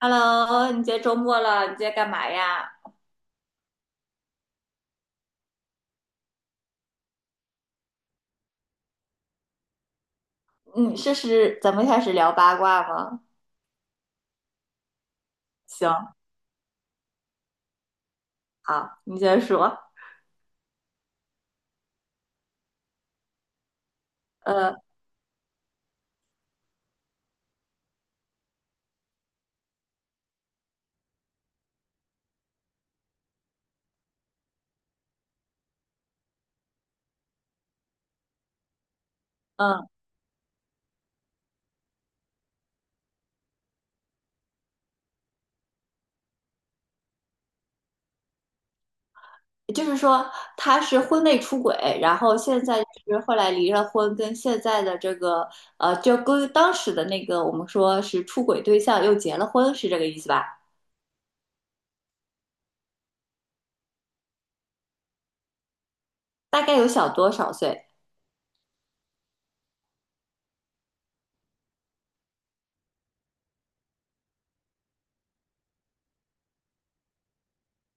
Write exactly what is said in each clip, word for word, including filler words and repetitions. Hello，你今天周末了，你今天干嘛呀？嗯，试是咱们开始聊八卦吗？行，好，你先说。呃，嗯，就是说他是婚内出轨，然后现在就是后来离了婚，跟现在的这个呃，就跟当时的那个我们说是出轨对象又结了婚，是这个意思吧？大概有小多少岁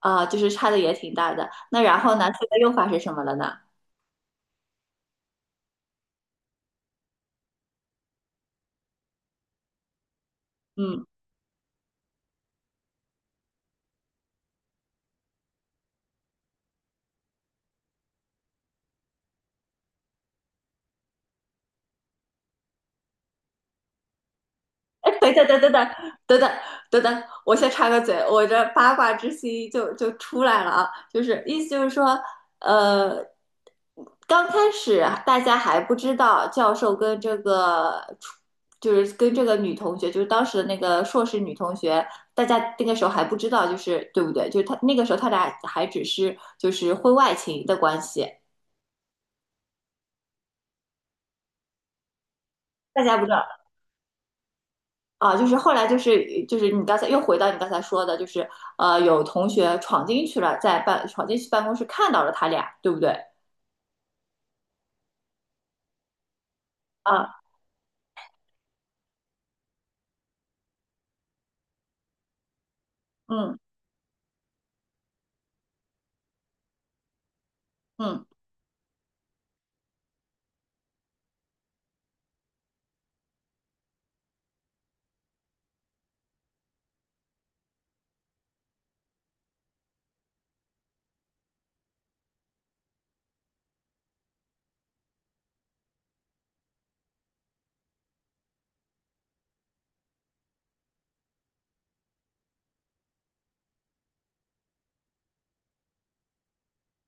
啊，就是差的也挺大的。那然后呢，现在用法是什么了呢？嗯。哎，等一下等等等等等等等，我先插个嘴，我这八卦之心就就出来了啊，就是意思就是说，呃，刚开始大家还不知道教授跟这个初就是跟这个女同学，就是当时的那个硕士女同学，大家那个时候还不知道，就是对不对？就是他那个时候他俩还只是就是婚外情的关系，大家不知道。啊，就是后来就是就是你刚才又回到你刚才说的，就是呃，有同学闯进去了，在办闯进去办公室看到了他俩，对不对？啊，嗯嗯，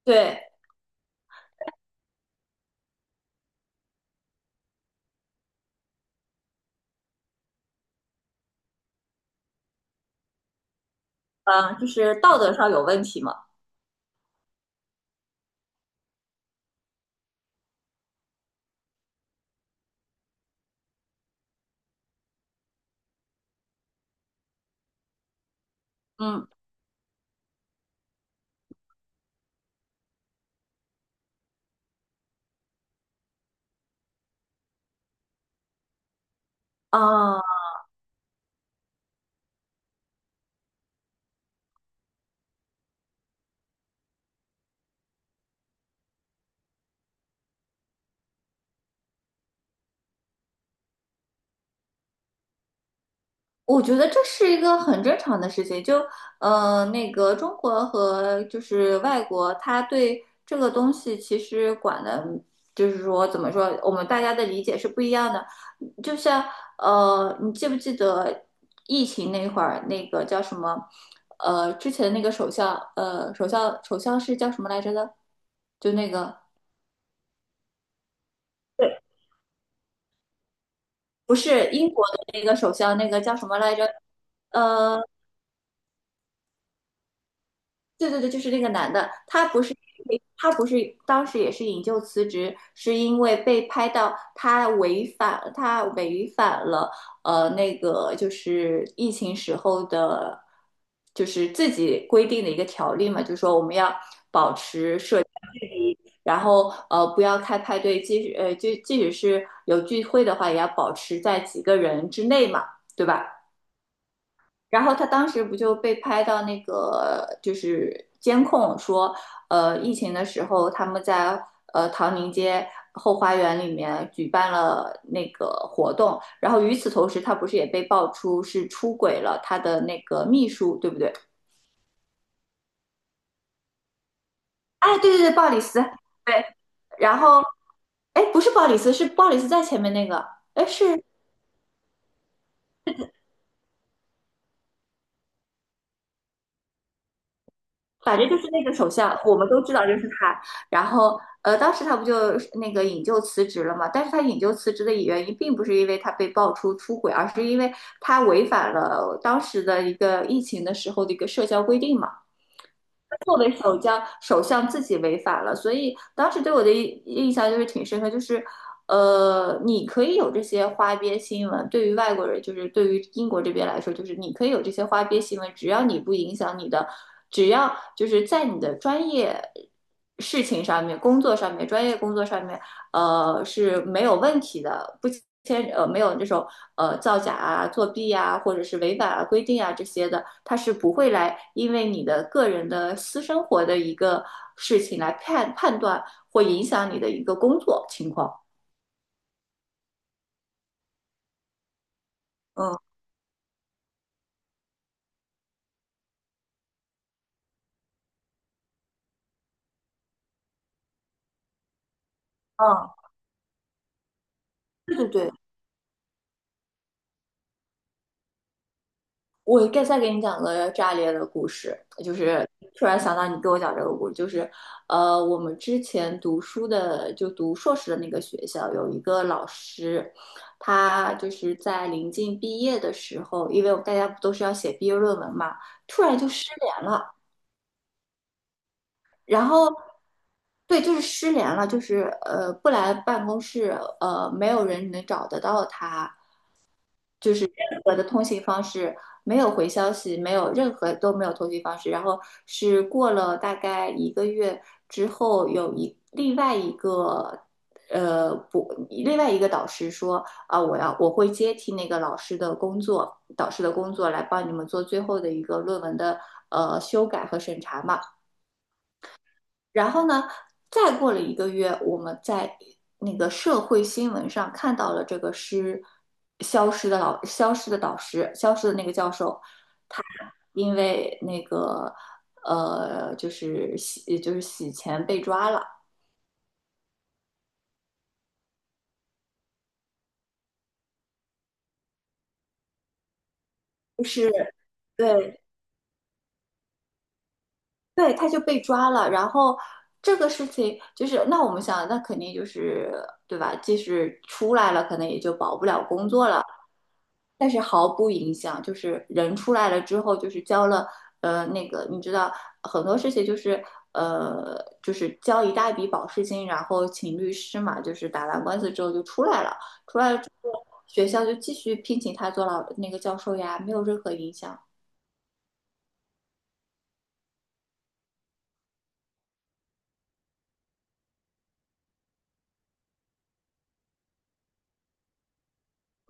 对，嗯，就是道德上有问题嘛，嗯啊。我觉得这是一个很正常的事情，就呃，那个中国和就是外国，他对这个东西其实管的，就是说怎么说，我们大家的理解是不一样的。就像呃，你记不记得疫情那会儿，那个叫什么？呃，之前那个首相，呃，首相首相是叫什么来着的？就那个，对，不是英国的那个首相，那个叫什么来着？呃。对对对，就是那个男的，他不是他不是当时也是引咎辞职，是因为被拍到他违反他违反了呃那个就是疫情时候的，就是自己规定的一个条例嘛，就是说我们要然后呃不要开派对，即使呃就即使是有聚会的话，也要保持在几个人之内嘛，对吧？然后他当时不就被拍到那个就是监控说，呃，疫情的时候他们在呃唐宁街后花园里面举办了那个活动，然后与此同时，他不是也被爆出是出轨了他的那个秘书，对不对？哎，对对对，鲍里斯，对，然后哎，不是鲍里斯，是鲍里斯在前面那个，哎是。反正就是那个首相，我们都知道就是他。然后，呃，当时他不就那个引咎辞职了嘛？但是他引咎辞职的原因并不是因为他被爆出出轨，而是因为他违反了当时的一个疫情的时候的一个社交规定嘛。作为首相，首相自己违法了，所以当时对我的印印象就是挺深刻，就是呃，你可以有这些花边新闻，对于外国人，就是对于英国这边来说，就是你可以有这些花边新闻，只要你不影响你的，只要就是在你的专业事情上面、工作上面、专业工作上面呃是没有问题的，不牵呃没有这种呃造假啊、作弊啊，或者是违反啊规定啊这些的，它是不会来因为你的个人的私生活的一个事情来判判断或影响你的一个工作情况。嗯嗯，对对对，我再再给你讲个炸裂的故事，就是突然想到你给我讲这个故事，就是呃，我们之前读书的就读硕士的那个学校有一个老师，他就是在临近毕业的时候，因为大家不都是要写毕业论文嘛，突然就失联了，然后对，就是失联了，就是呃不来办公室，呃没有人能找得到他。就是任何的通信方式没有回消息，没有任何都没有通信方式。然后是过了大概一个月之后，有一另外一个呃不，另外一个导师说啊，我要我会接替那个老师的工作，导师的工作来帮你们做最后的一个论文的呃修改和审查嘛。然后呢，再过了一个月，我们在那个社会新闻上看到了这个失消失的老消失的导师，消失的那个教授，因为那个呃，就是洗就是洗钱被抓了，就是对对，他就被抓了。然后这个事情就是那我们想，那肯定就是对吧？即使出来了，可能也就保不了工作了。但是毫不影响，就是人出来了之后，就是交了，呃，那个你知道很多事情就是，呃，就是交一大笔保释金，然后请律师嘛，就是打完官司之后就出来了，学校就继续聘请他做老那个教授呀，没有任何影响。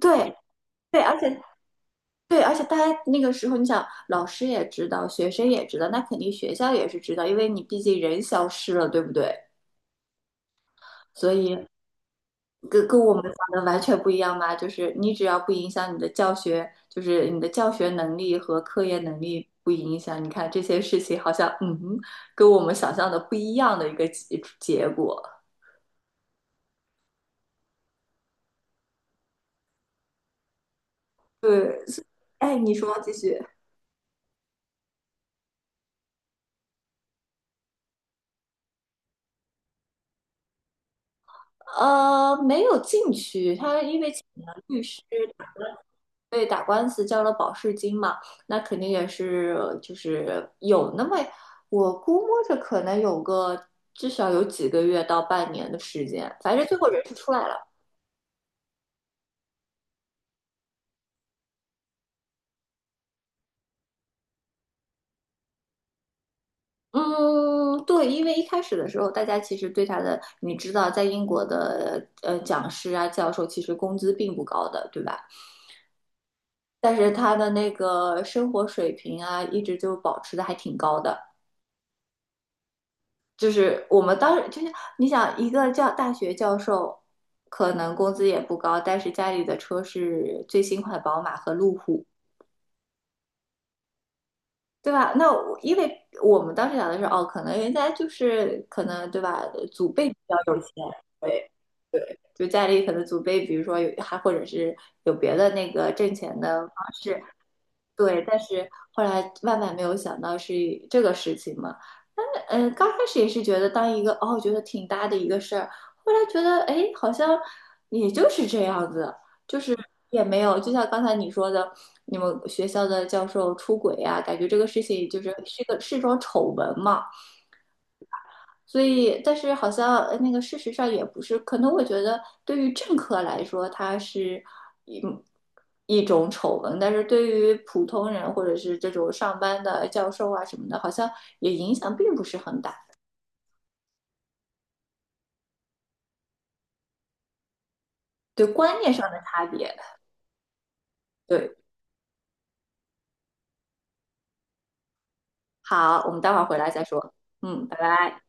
对对，而且对，而且大家那个时候，你想老师也知道，学生也知道，那肯定学校也是知道，因为你毕竟人消失了，对不对？所以跟跟我们想的完全不一样吧？就是你只要不影响你的教学，就是你的教学能力和科研能力不影响，你看这些事情好像嗯哼，跟我们想象的不一样的一个结结果。对，所哎，你说继续。呃，没有进去，他因为请了律师，为打官司交了保释金嘛，那肯定也是就是有那么，我估摸着可能有个至少有几个月到半年的时间，反正最后人是出来了。嗯，对，因为一开始的时候，大家其实对他的，你知道，在英国的呃讲师啊、教授，其实工资并不高的，对吧？但是他的那个生活水平啊，一直就保持的还挺高的。就是我们当时就是你想一个教大学教授，可能工资也不高，但是家里的车是最新款宝马和路虎，对吧？那我因为我们当时想的是，哦，可能人家就是可能对吧，祖辈比较有钱，对对，就家里可能祖辈，比如说有还或者是有别的那个挣钱的方式，对，但是后来万万没有想到是这个事情嘛。但是，嗯，呃刚开始也是觉得当一个哦，觉得挺大的一个事儿，后来觉得哎，诶好像也就是这样子，就是也没有，就像刚才你说的，你们学校的教授出轨呀、感觉这个事情就是是一个是一种丑闻嘛。所以，但是好像呃那个事实上也不是，可能我觉得对于政客来说，它是一一种丑闻，但是对于普通人或者是这种上班的教授啊什么的，好像也影响并不是很大，对观念上的差别。对，好，我们待会儿回来再说。嗯，拜拜。